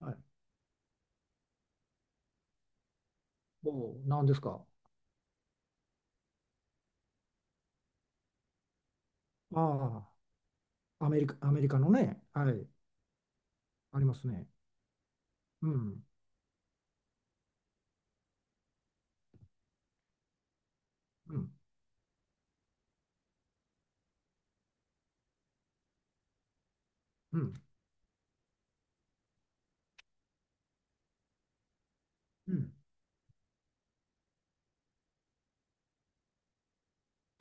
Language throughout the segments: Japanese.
はい。おう、何ですか。ああ、アメリカ、アメリカのね、はい、ありますね。うん、うん、うん、うん。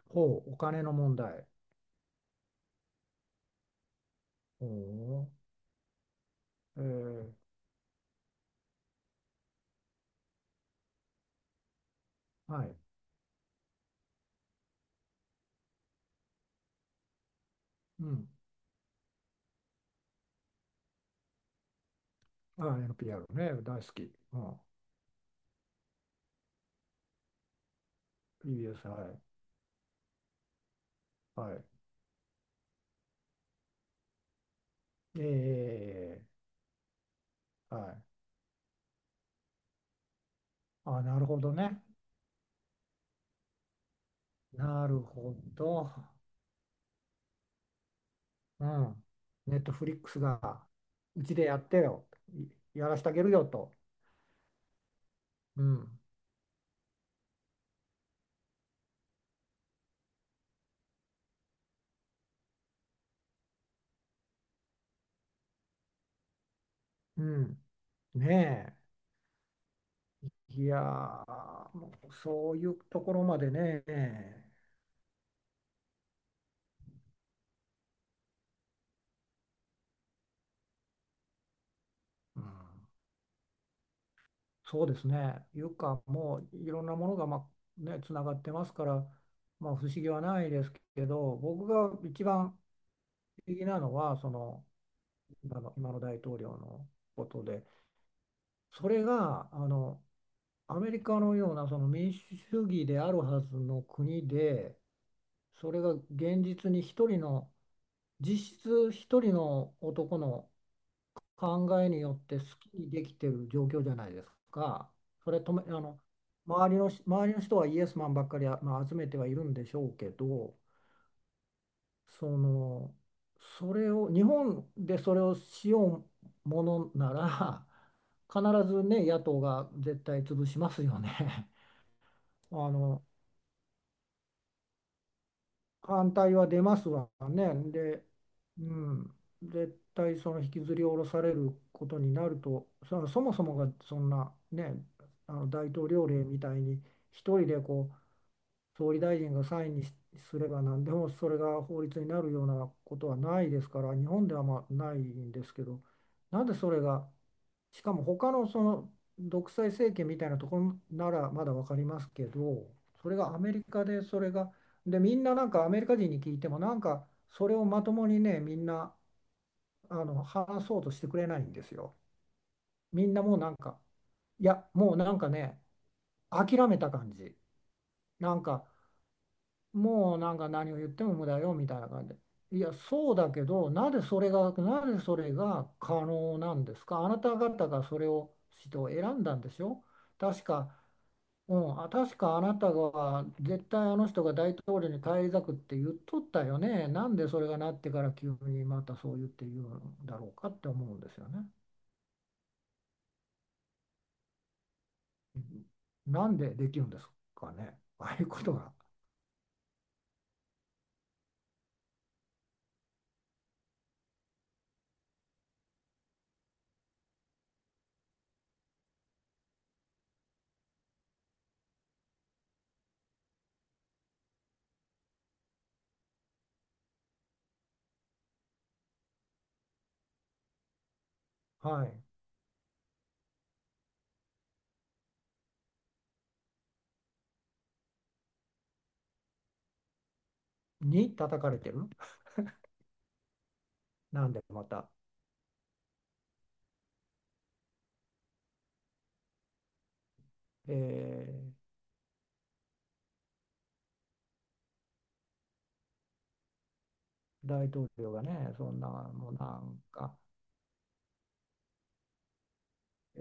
ほう、お金の問題。ほう、はい、うん。ああ、NPR ね、大好き。うん、PBS、はい、はい。えはい。ああ、なるほどね。なるほど。うん。ネットフリックスが、うちでやってよ。いやらしてあげるよと。うん、うん。ねえ。いやー、もうそういうところまでね。うん、そうですね、いうか、もういろんなものが、まあね、つながってますから、まあ、不思議はないですけど、僕が一番不思議なのは、その今の、今の大統領のことで、それがアメリカのようなその民主主義であるはずの国で、それが現実に一人の、実質一人の男の考えによって好きにできてる状況じゃないですか。それとも、周りの人はイエスマンばっかり、まあ、集めてはいるんでしょうけど、その、それを、日本でそれをしようものなら、必ずね、野党が絶対潰しますよね。あの、反対は出ますわね。で、うん、絶対その引きずり下ろされることになると、そのそもそもがそんなね、あの大統領令みたいに一人で総理大臣がサインにしすれば何でもそれが法律になるようなことはないですから、日本ではまあないんですけど、なんでそれが、しかも他のその独裁政権みたいなところならまだ分かりますけど、それがアメリカでそれが、でみんななんかアメリカ人に聞いてもなんかそれをまともにね、みんな話そうとしてくれないんですよ。みんなもうなんか、いや、もうなんかね、諦めた感じ。なんかもうなんか何を言っても無駄よみたいな感じで。いや、そうだけど、なぜそれが、なぜそれが可能なんですか。あなた方がそれを、人を選んだんでしょ。確か、確かあなたが絶対あの人が大統領に返り咲くって言っとったよね。なんでそれがなってから急にまたそう言って言うんだろうかって思うんですよね。うん、なんでできるんですかね。ああいうことが。はい。に叩かれてる。なんでまた。えー大統領がね、そんな、もうなんか、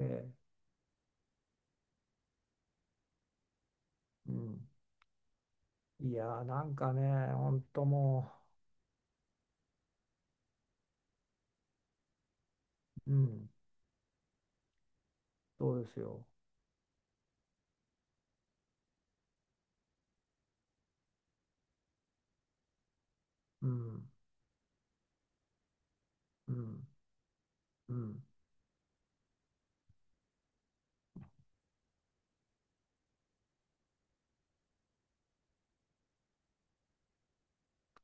ええ、うん、いやー、なんかね、本当もう、うん、そうですよ。うん、うん、うん。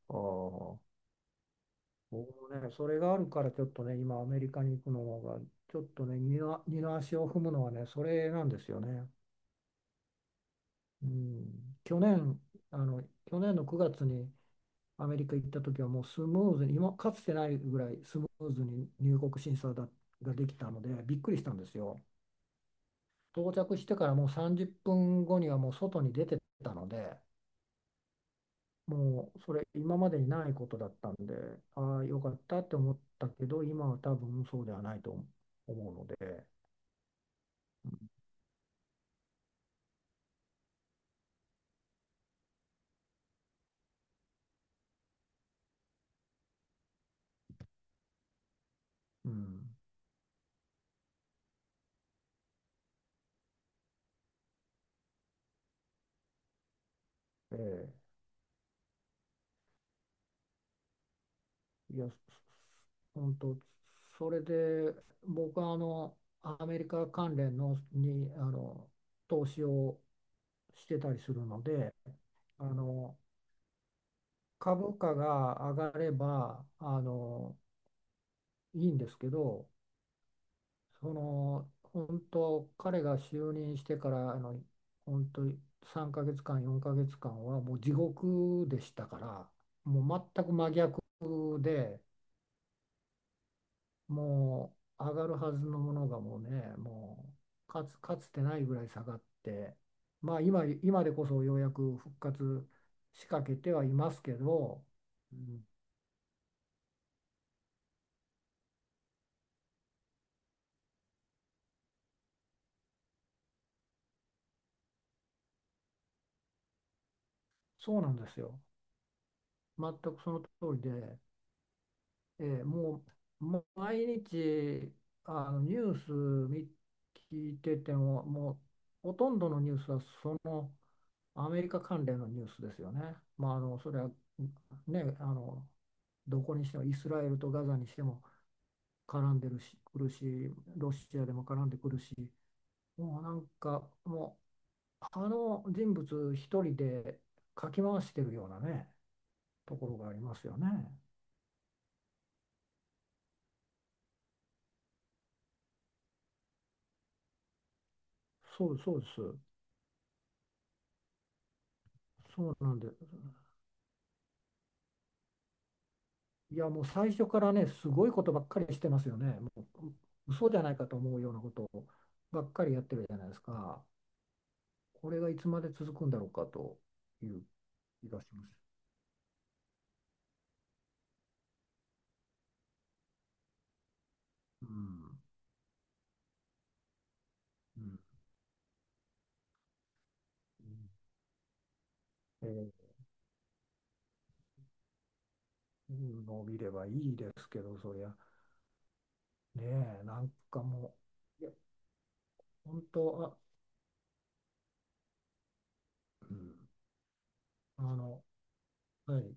ああ、僕もね、それがあるから、ちょっとね、今、アメリカに行くのが、ちょっとね、二の足を踏むのはね、それなんですよね。うん、去年、あの、去年の9月にアメリカ行った時は、もうスムーズに、今、かつてないぐらいスムーズに入国審査だ、ができたので、びっくりしたんですよ。到着してからもう30分後にはもう外に出てたので、もうそれ今までにないことだったんで、ああ、よかったって思ったけど、今は多分そうではないと思うので、うん、うん、ええ、いや、本当、それで僕はアメリカ関連のに投資をしてたりするので、あの株価が上がればいいんですけど、その本当彼が就任してから本当に3ヶ月間4ヶ月間はもう地獄でしたから、もう全く真逆で、もう上がるはずのものがもうね、もうかつてないぐらい下がって、まあ今、今でこそようやく復活しかけてはいますけど、うん、そうなんですよ、全くその通りで。もう、もう毎日ニュース見聞いてても、もうほとんどのニュースはそのアメリカ関連のニュースですよね。まあ、それはね、どこにしてもイスラエルとガザにしても絡んでるし、くるし、ロシアでも絡んでくるし、もうなんかもうあの人物一人でかき回してるようなね、ところがありますよね。そう、そうです。そうなんです。いや、もう最初からね、すごいことばっかりしてますよね。もう嘘じゃないかと思うようなことをばっかりやってるじゃないですか。これがいつまで続くんだろうかという気がします。うん。うん。えー伸びればいいですけど、そりゃ、ねえ、なんかもう、いや、本当、あ、うん、あの、はい、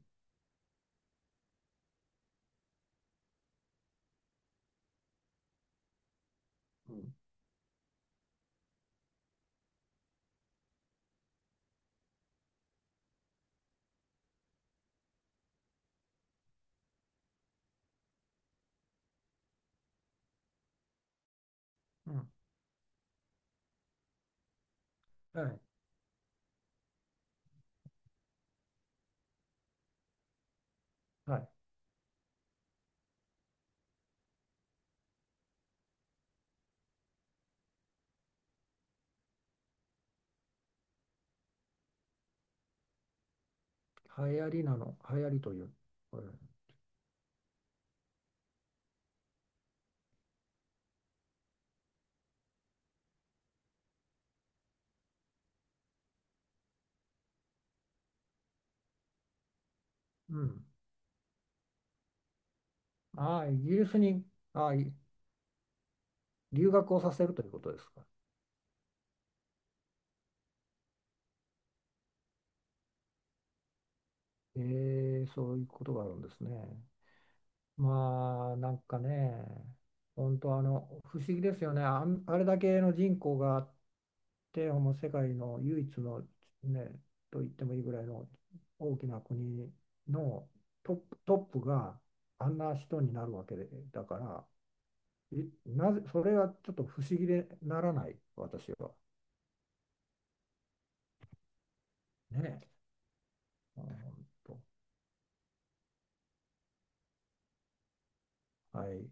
うん、うん、はい、はい、流行りなの、流行りという、これ、うん、ああ、イギリスに、ああ、留学をさせるということですか。えそういうことがあるんですね。まあ、なんかね、本当不思議ですよね。あれだけの人口があって、もう世界の唯一の、ね、と言ってもいいぐらいの大きな国のトップがあんな人になるわけで、だから、なぜ、それはちょっと不思議でならない、私は。ねえ。うん、ほんと、はい。